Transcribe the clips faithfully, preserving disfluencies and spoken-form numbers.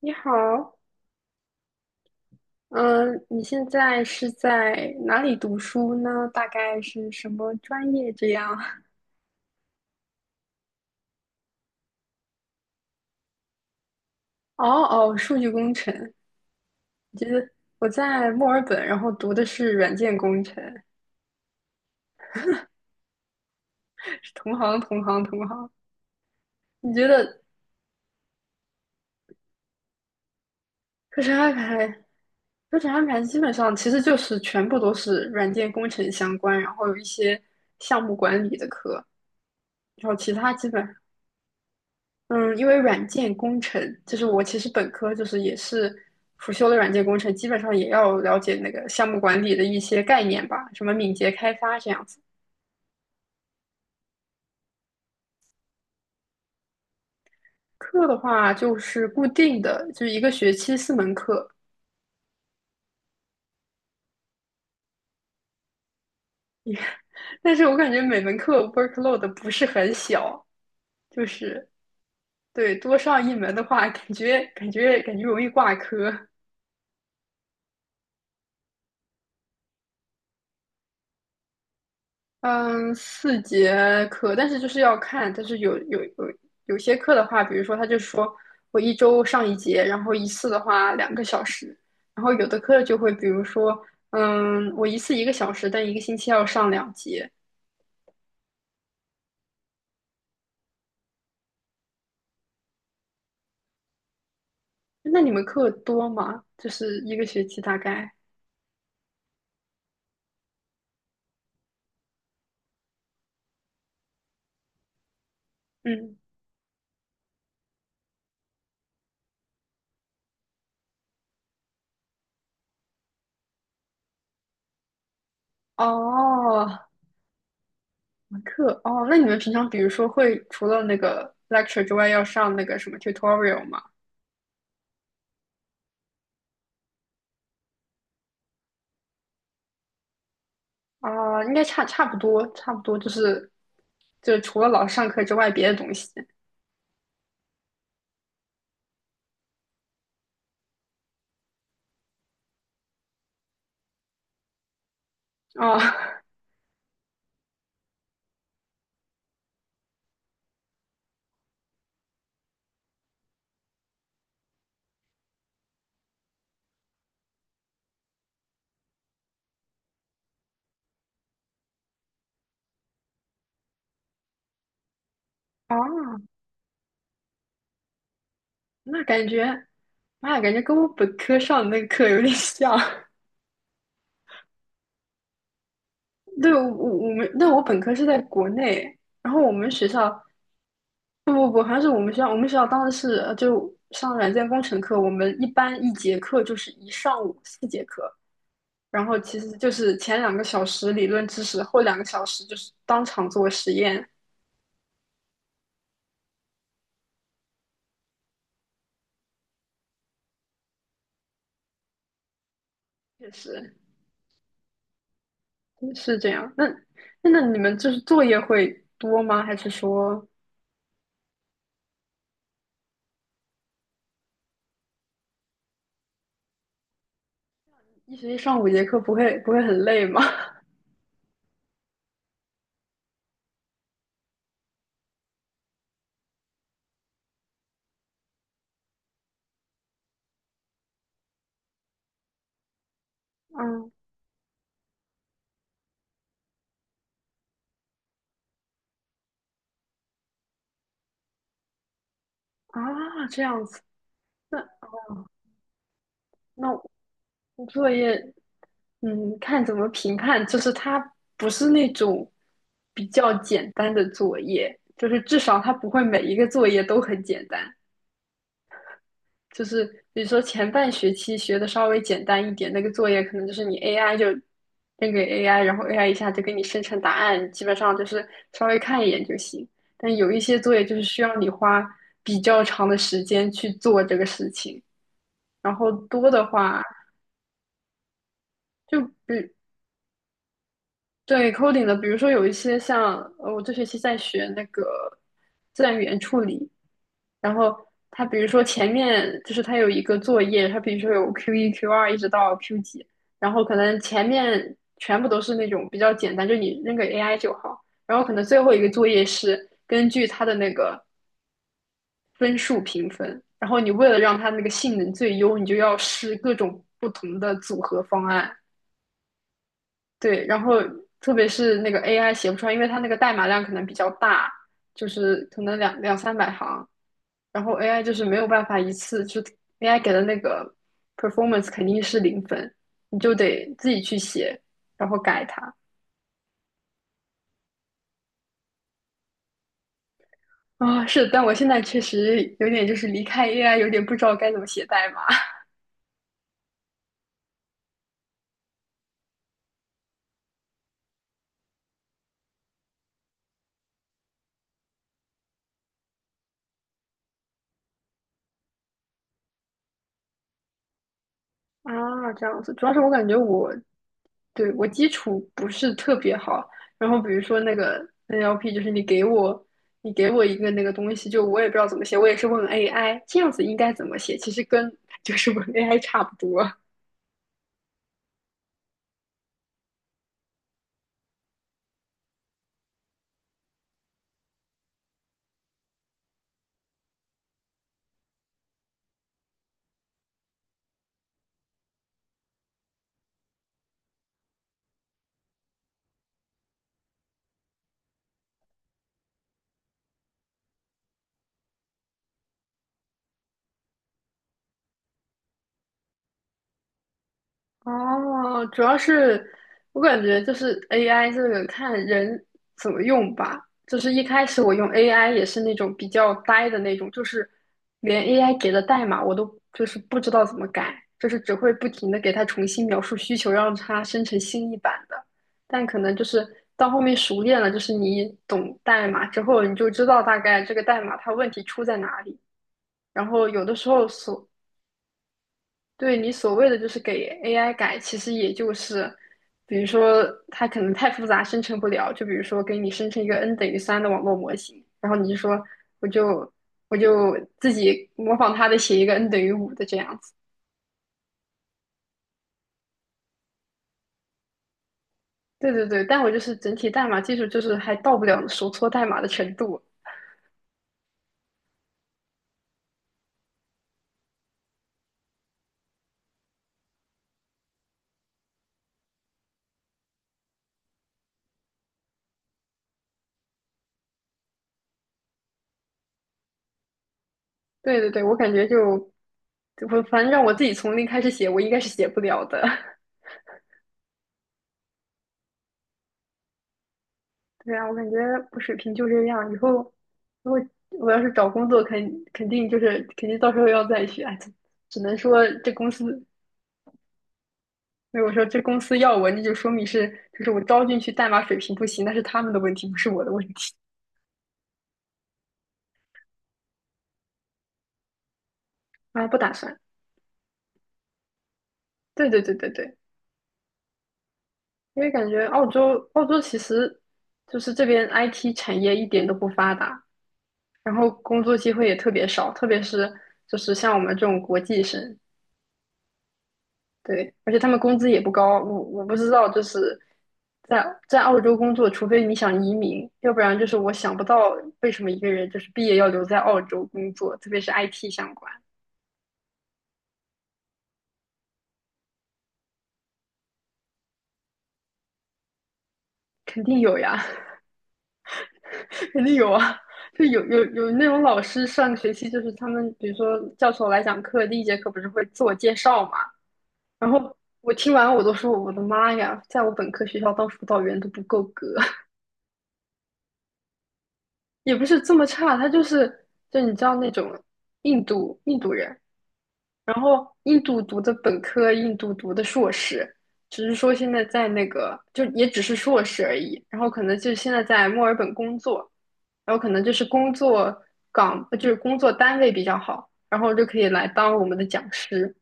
你好，嗯，你现在是在哪里读书呢？大概是什么专业这样？哦哦，数据工程。其觉得我在墨尔本，然后读的是软件工程，是同行同行同行。你觉得课程安排？课程安排基本上其实就是全部都是软件工程相关，然后有一些项目管理的课，然后其他基本，嗯，因为软件工程，就是我其实本科就是也是辅修的软件工程，基本上也要了解那个项目管理的一些概念吧，什么敏捷开发这样子。课的话就是固定的，就是一个学期四门课，但是我感觉每门课 workload 不是很小，就是，对，多上一门的话，感觉感觉感觉容易挂科。嗯，四节课，但是就是要看，但是有有有有些课的话，比如说他就说我一周上一节，然后一次的话两个小时，然后有的课就会比如说，嗯，我一次一个小时，但一个星期要上两节。那你们课多吗？就是一个学期大概，嗯，哦，课，哦，那你们平常比如说会除了那个 lecture 之外，要上那个什么 tutorial 吗？啊、应该差差不多，差不多就是就除了老师上课之外，别的东西啊啊 那感觉，妈呀，感觉跟我本科上的那个课有点像。对，我我们，那我本科是在国内，然后我们学校不不不，好像是我们学校，我们学校当时是呃就上软件工程课，我们一般一节课就是一上午四节课，然后其实就是前两个小时理论知识，后两个小时就是当场做实验，确实。是这样。那那那你们就是作业会多吗？还是说一学期上五节课不会不会很累吗？嗯啊，这样子。那那作业，嗯，看怎么评判，就是它不是那种比较简单的作业，就是至少它不会每一个作业都很简单。就是比如说前半学期学的稍微简单一点，那个作业可能就是你 A I 就扔给 A I，然后 A I 一下就给你生成答案，基本上就是稍微看一眼就行。但有一些作业就是需要你花比较长的时间去做这个事情，然后多的话就比，对 coding 的，比如说有一些像呃我这学期在学那个自然语言处理，然后它比如说前面就是它有一个作业，它比如说有 Q 一、Q 二一直到 Q 几，然后可能前面全部都是那种比较简单，就你扔个 A I 就好，然后可能最后一个作业是根据它的那个分数评分，然后你为了让它那个性能最优，你就要试各种不同的组合方案，对，然后特别是那个 A I 写不出来，因为它那个代码量可能比较大，就是可能两两三百行。然后 A I 就是没有办法一次就 A I 给的那个 performance 肯定是零分，你就得自己去写，然后改它。啊、是，但我现在确实有点就是离开 A I，有点不知道该怎么写代码 啊，这样子。主要是我感觉我对我基础不是特别好，然后比如说那个 N L P，就是你给我你给我一个那个东西，就我也不知道怎么写，我也是问 A I 这样子应该怎么写，其实跟 就是问 A I 差不多。哦，主要是我感觉就是 A I 这个看人怎么用吧。就是一开始我用 A I 也是那种比较呆的那种，就是连 A I 给的代码我都就是不知道怎么改，就是只会不停的给它重新描述需求，让它生成新一版的。但可能就是到后面熟练了，就是你懂代码之后，你就知道大概这个代码它问题出在哪里。然后有的时候所，对，你所谓的就是给 A I 改，其实也就是，比如说它可能太复杂生成不了，就比如说给你生成一个 n 等于三的网络模型，然后你就说我就我就自己模仿它的写一个 n 等于五的这样子。对对对，但我就是整体代码技术就是还到不了手搓代码的程度。对对对，我感觉就我反正让我自己从零开始写，我应该是写不了的。对啊，我感觉不水平就这样。以后如果我要是找工作，肯肯定就是肯定到时候要再学，哎只只能说这公司如果说这公司要我，那就说明是就是我招进去代码水平不行，那是他们的问题，不是我的问题。啊，不打算。对对对对对，因为感觉澳洲澳洲其实就是这边 I T 产业一点都不发达，然后工作机会也特别少，特别是就是像我们这种国际生，对，而且他们工资也不高，我我不知道，就是在在澳洲工作，除非你想移民，要不然就是我想不到为什么一个人就是毕业要留在澳洲工作，特别是 I T 相关，肯定有呀，肯定有啊，就有有有那种老师上个学期就是他们，比如说教授来讲课，第一节课不是会自我介绍嘛，然后我听完我都说我的妈呀，在我本科学校当辅导员都不够格，也不是这么差，他就是就你知道那种印度印度人。印度读的本科，印度读的硕士，只是说现在在那个，就也只是硕士而已。然后可能就现在在墨尔本工作，然后可能就是工作岗，呃就是工作单位比较好，然后就可以来当我们的讲师。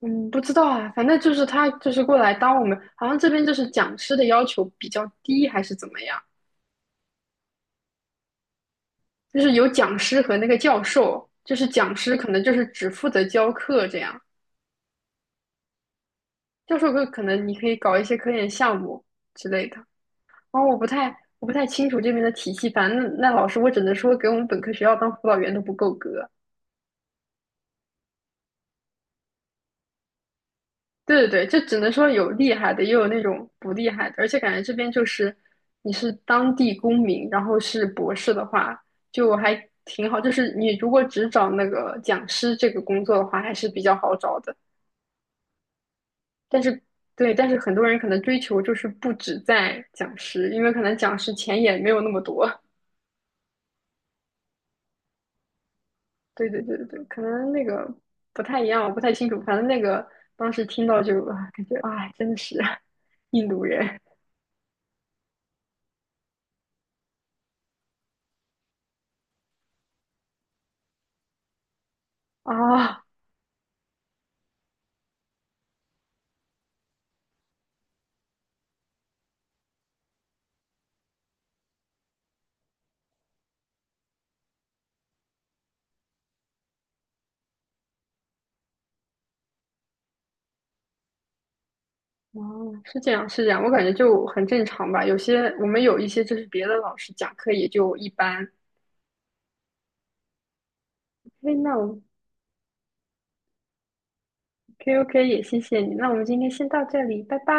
嗯，不知道啊，反正就是他就是过来当我们，好像这边就是讲师的要求比较低，还是怎么样？就是有讲师和那个教授，就是讲师可能就是只负责教课这样，教授可可能你可以搞一些科研项目之类的。哦，我不太我不太清楚这边的体系，反正那那老师我只能说给我们本科学校当辅导员都不够格。对对对，就只能说有厉害的，也有那种不厉害的，而且感觉这边就是你是当地公民，然后是博士的话，就还挺好。就是你如果只找那个讲师这个工作的话，还是比较好找的。但是对，但是很多人可能追求就是不止在讲师，因为可能讲师钱也没有那么多。对对对对对，可能那个不太一样，我不太清楚。反正那个当时听到就啊，感觉啊，真的是印度人啊，哦，是这样是这样，我感觉就很正常吧。有些我们有一些就是别的老师讲课也就一般。哎，那我 OK OK 也谢谢你，那我们今天先到这里，拜拜。